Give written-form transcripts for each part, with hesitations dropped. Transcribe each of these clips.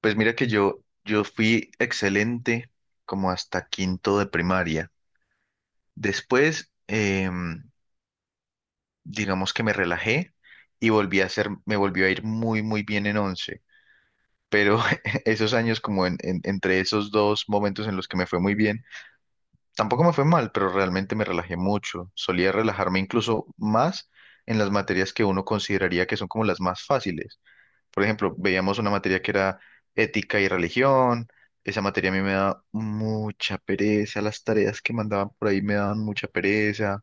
Pues mira que yo fui excelente como hasta quinto de primaria. Después, digamos que me relajé y volví a ser, me volvió a ir muy bien en once. Pero esos años como entre esos dos momentos en los que me fue muy bien, tampoco me fue mal, pero realmente me relajé mucho. Solía relajarme incluso más en las materias que uno consideraría que son como las más fáciles. Por ejemplo, veíamos una materia que era ética y religión. Esa materia a mí me da mucha pereza. Las tareas que mandaban por ahí me daban mucha pereza.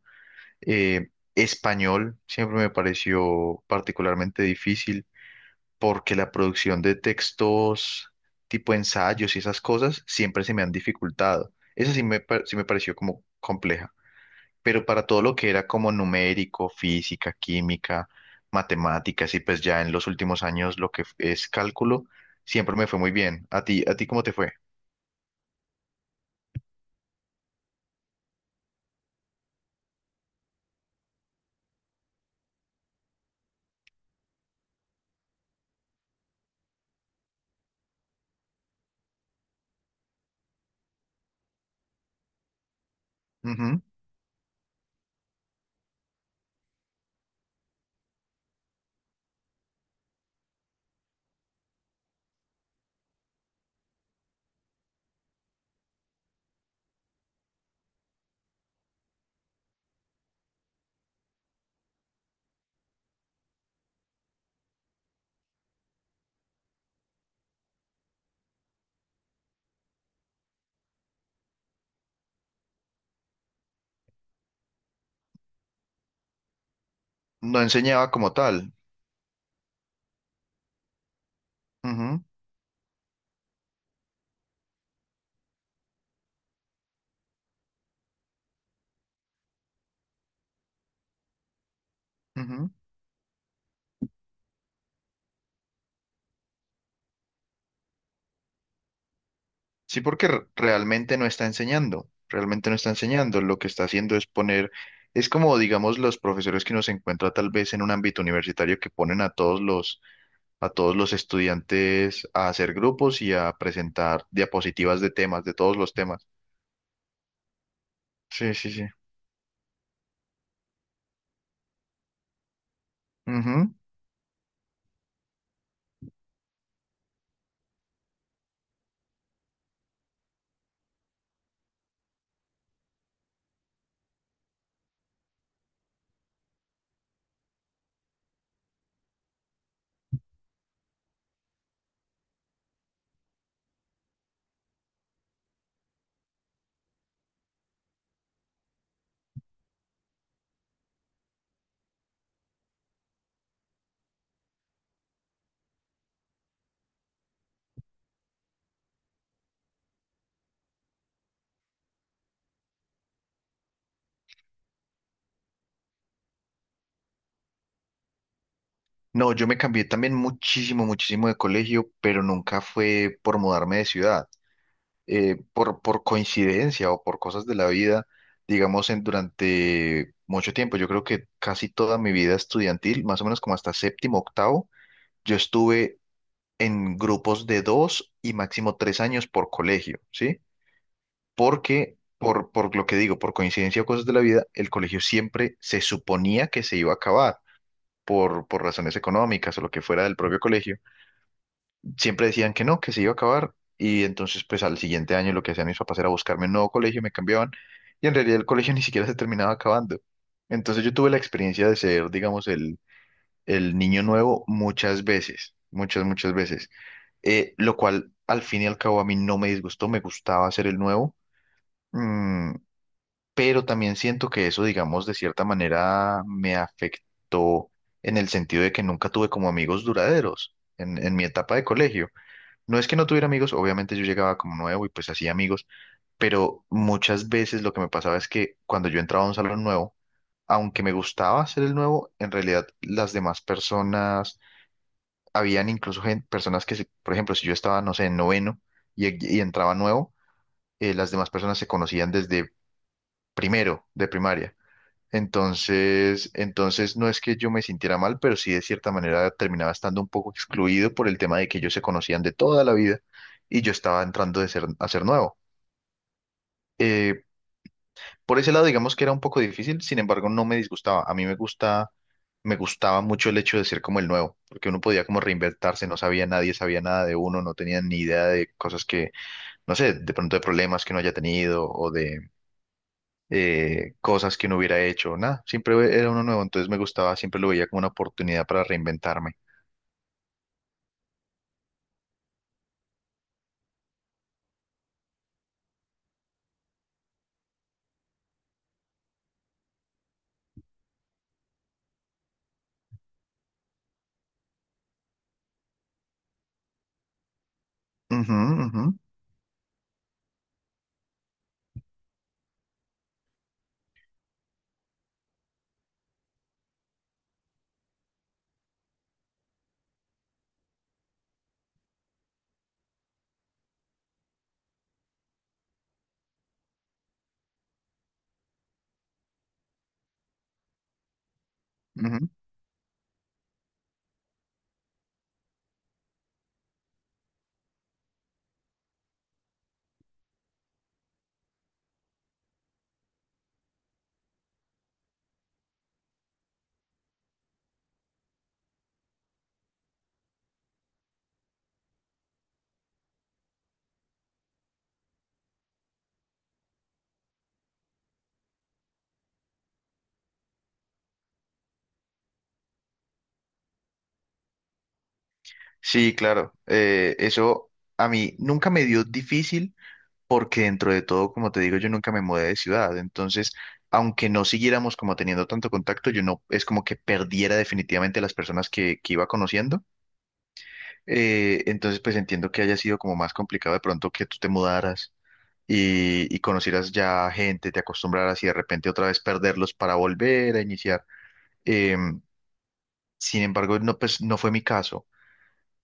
Eh, Español siempre me pareció particularmente difícil porque la producción de textos tipo ensayos y esas cosas siempre se me han dificultado. Esa sí me pareció como compleja, pero para todo lo que era como numérico, física, química, matemáticas, y pues ya en los últimos años lo que es cálculo, siempre me fue muy bien. ¿A ti cómo te fue? Ujú. No enseñaba como tal. Ujú, ujú. Sí, porque realmente no está enseñando, realmente no está enseñando. Lo que está haciendo es poner, es como, digamos, los profesores que uno se encuentra tal vez en un ámbito universitario que ponen a todos a todos los estudiantes a hacer grupos y a presentar diapositivas de temas, de todos los temas. Sí, sí, sí. Ujú. No, yo me cambié también muchísimo, muchísimo de colegio, pero nunca fue por mudarme de ciudad. Por coincidencia o por cosas de la vida, digamos, durante mucho tiempo, yo creo que casi toda mi vida estudiantil, más o menos como hasta séptimo, octavo, yo estuve en grupos de dos y máximo tres años por colegio, ¿sí? Por lo que digo, por coincidencia o cosas de la vida, el colegio siempre se suponía que se iba a acabar por razones económicas o lo que fuera del propio colegio, siempre decían que no, que se iba a acabar. Y entonces, pues al siguiente año lo que hacían mis papás era buscarme un nuevo colegio, me cambiaban. Y en realidad el colegio ni siquiera se terminaba acabando. Entonces yo tuve la experiencia de ser, digamos, el niño nuevo muchas veces, muchas, muchas veces. Lo cual al fin y al cabo a mí no me disgustó, me gustaba ser el nuevo. Mm, pero también siento que eso, digamos, de cierta manera me afectó en el sentido de que nunca tuve como amigos duraderos en mi etapa de colegio. No es que no tuviera amigos, obviamente yo llegaba como nuevo y pues hacía amigos, pero muchas veces lo que me pasaba es que cuando yo entraba a un salón nuevo, aunque me gustaba ser el nuevo, en realidad las demás personas, habían incluso personas que, por ejemplo, si yo estaba, no sé, en noveno y entraba nuevo, las demás personas se conocían desde primero de primaria. Entonces no es que yo me sintiera mal, pero sí de cierta manera terminaba estando un poco excluido por el tema de que ellos se conocían de toda la vida y yo estaba entrando de ser, a ser nuevo. Eh, por ese lado, digamos que era un poco difícil, sin embargo, no me disgustaba. A mí me gusta, me gustaba mucho el hecho de ser como el nuevo, porque uno podía como reinventarse, no sabía nadie, sabía nada de uno, no tenía ni idea de cosas que, no sé, de pronto de problemas que uno haya tenido o de cosas que no hubiera hecho, nada, siempre era uno nuevo, entonces me gustaba, siempre lo veía como una oportunidad para reinventarme. Ujú, ujú, ujú. Sí, claro, eso a mí nunca me dio difícil porque dentro de todo, como te digo, yo nunca me mudé de ciudad, entonces, aunque no siguiéramos como teniendo tanto contacto, yo no, es como que perdiera definitivamente las personas que iba conociendo, entonces pues entiendo que haya sido como más complicado de pronto que tú te mudaras y conocieras ya gente, te acostumbraras y de repente otra vez perderlos para volver a iniciar. Em, sin embargo, no, pues, no fue mi caso,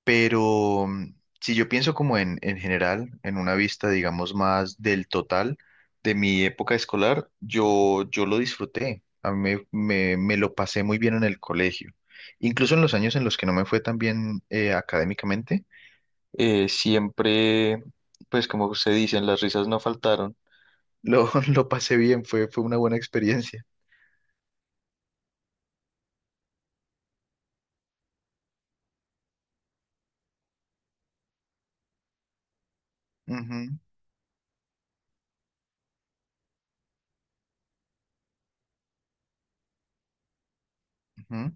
pero mm, si yo pienso como en general, en una vista, digamos, más del total de mi época escolar, yo lo disfruté, a mí me lo pasé muy bien en el colegio. Incluso en los años en los que no me fue tan bien académicamente, siempre, pues como se dice, las risas no faltaron, lo pasé bien, fue, fue una buena experiencia. Ujú, ujú,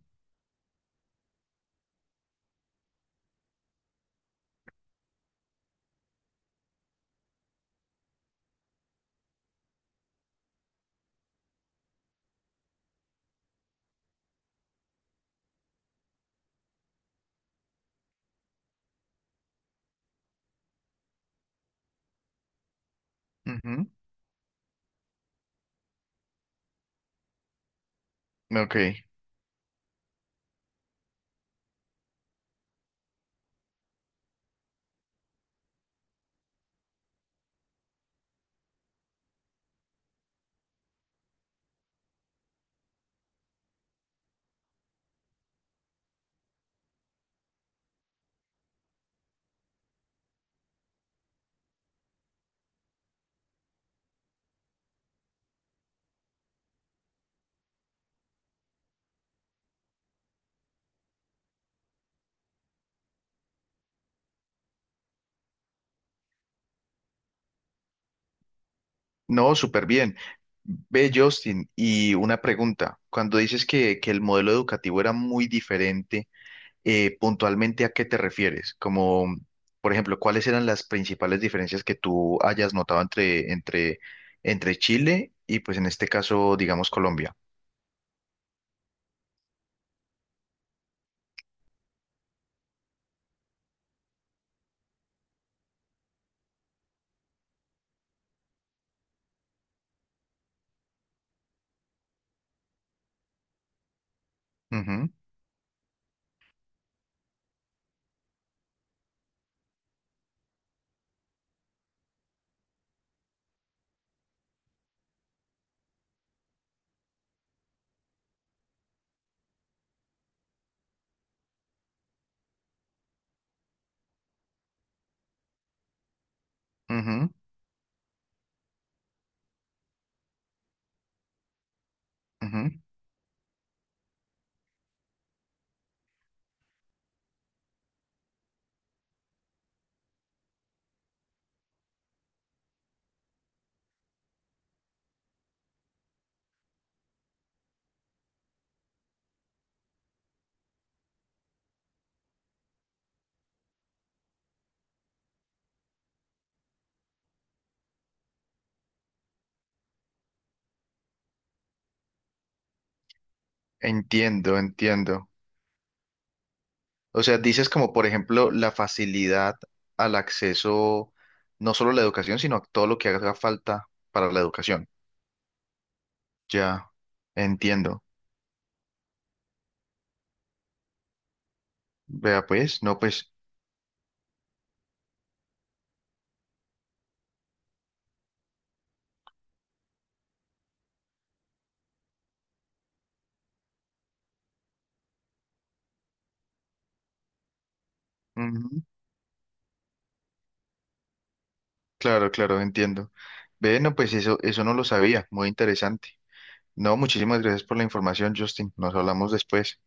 ujú. Ok. No, súper bien. Ve, Justin, y una pregunta. Cuando dices que el modelo educativo era muy diferente, puntualmente, ¿a qué te refieres? Como, por ejemplo, ¿cuáles eran las principales diferencias que tú hayas notado entre Chile y, pues, en este caso, digamos, Colombia? Ujú, ujú, ujú. Entiendo, entiendo. O sea, dices como, por ejemplo, la facilidad al acceso, no solo a la educación, sino a todo lo que haga falta para la educación. Ya, entiendo. Vea, pues, no, pues, ujú, claro, claro, entiendo. Ve, no, pues eso no lo sabía, muy interesante. No, muchísimas gracias por la información, Justin. Nos hablamos después.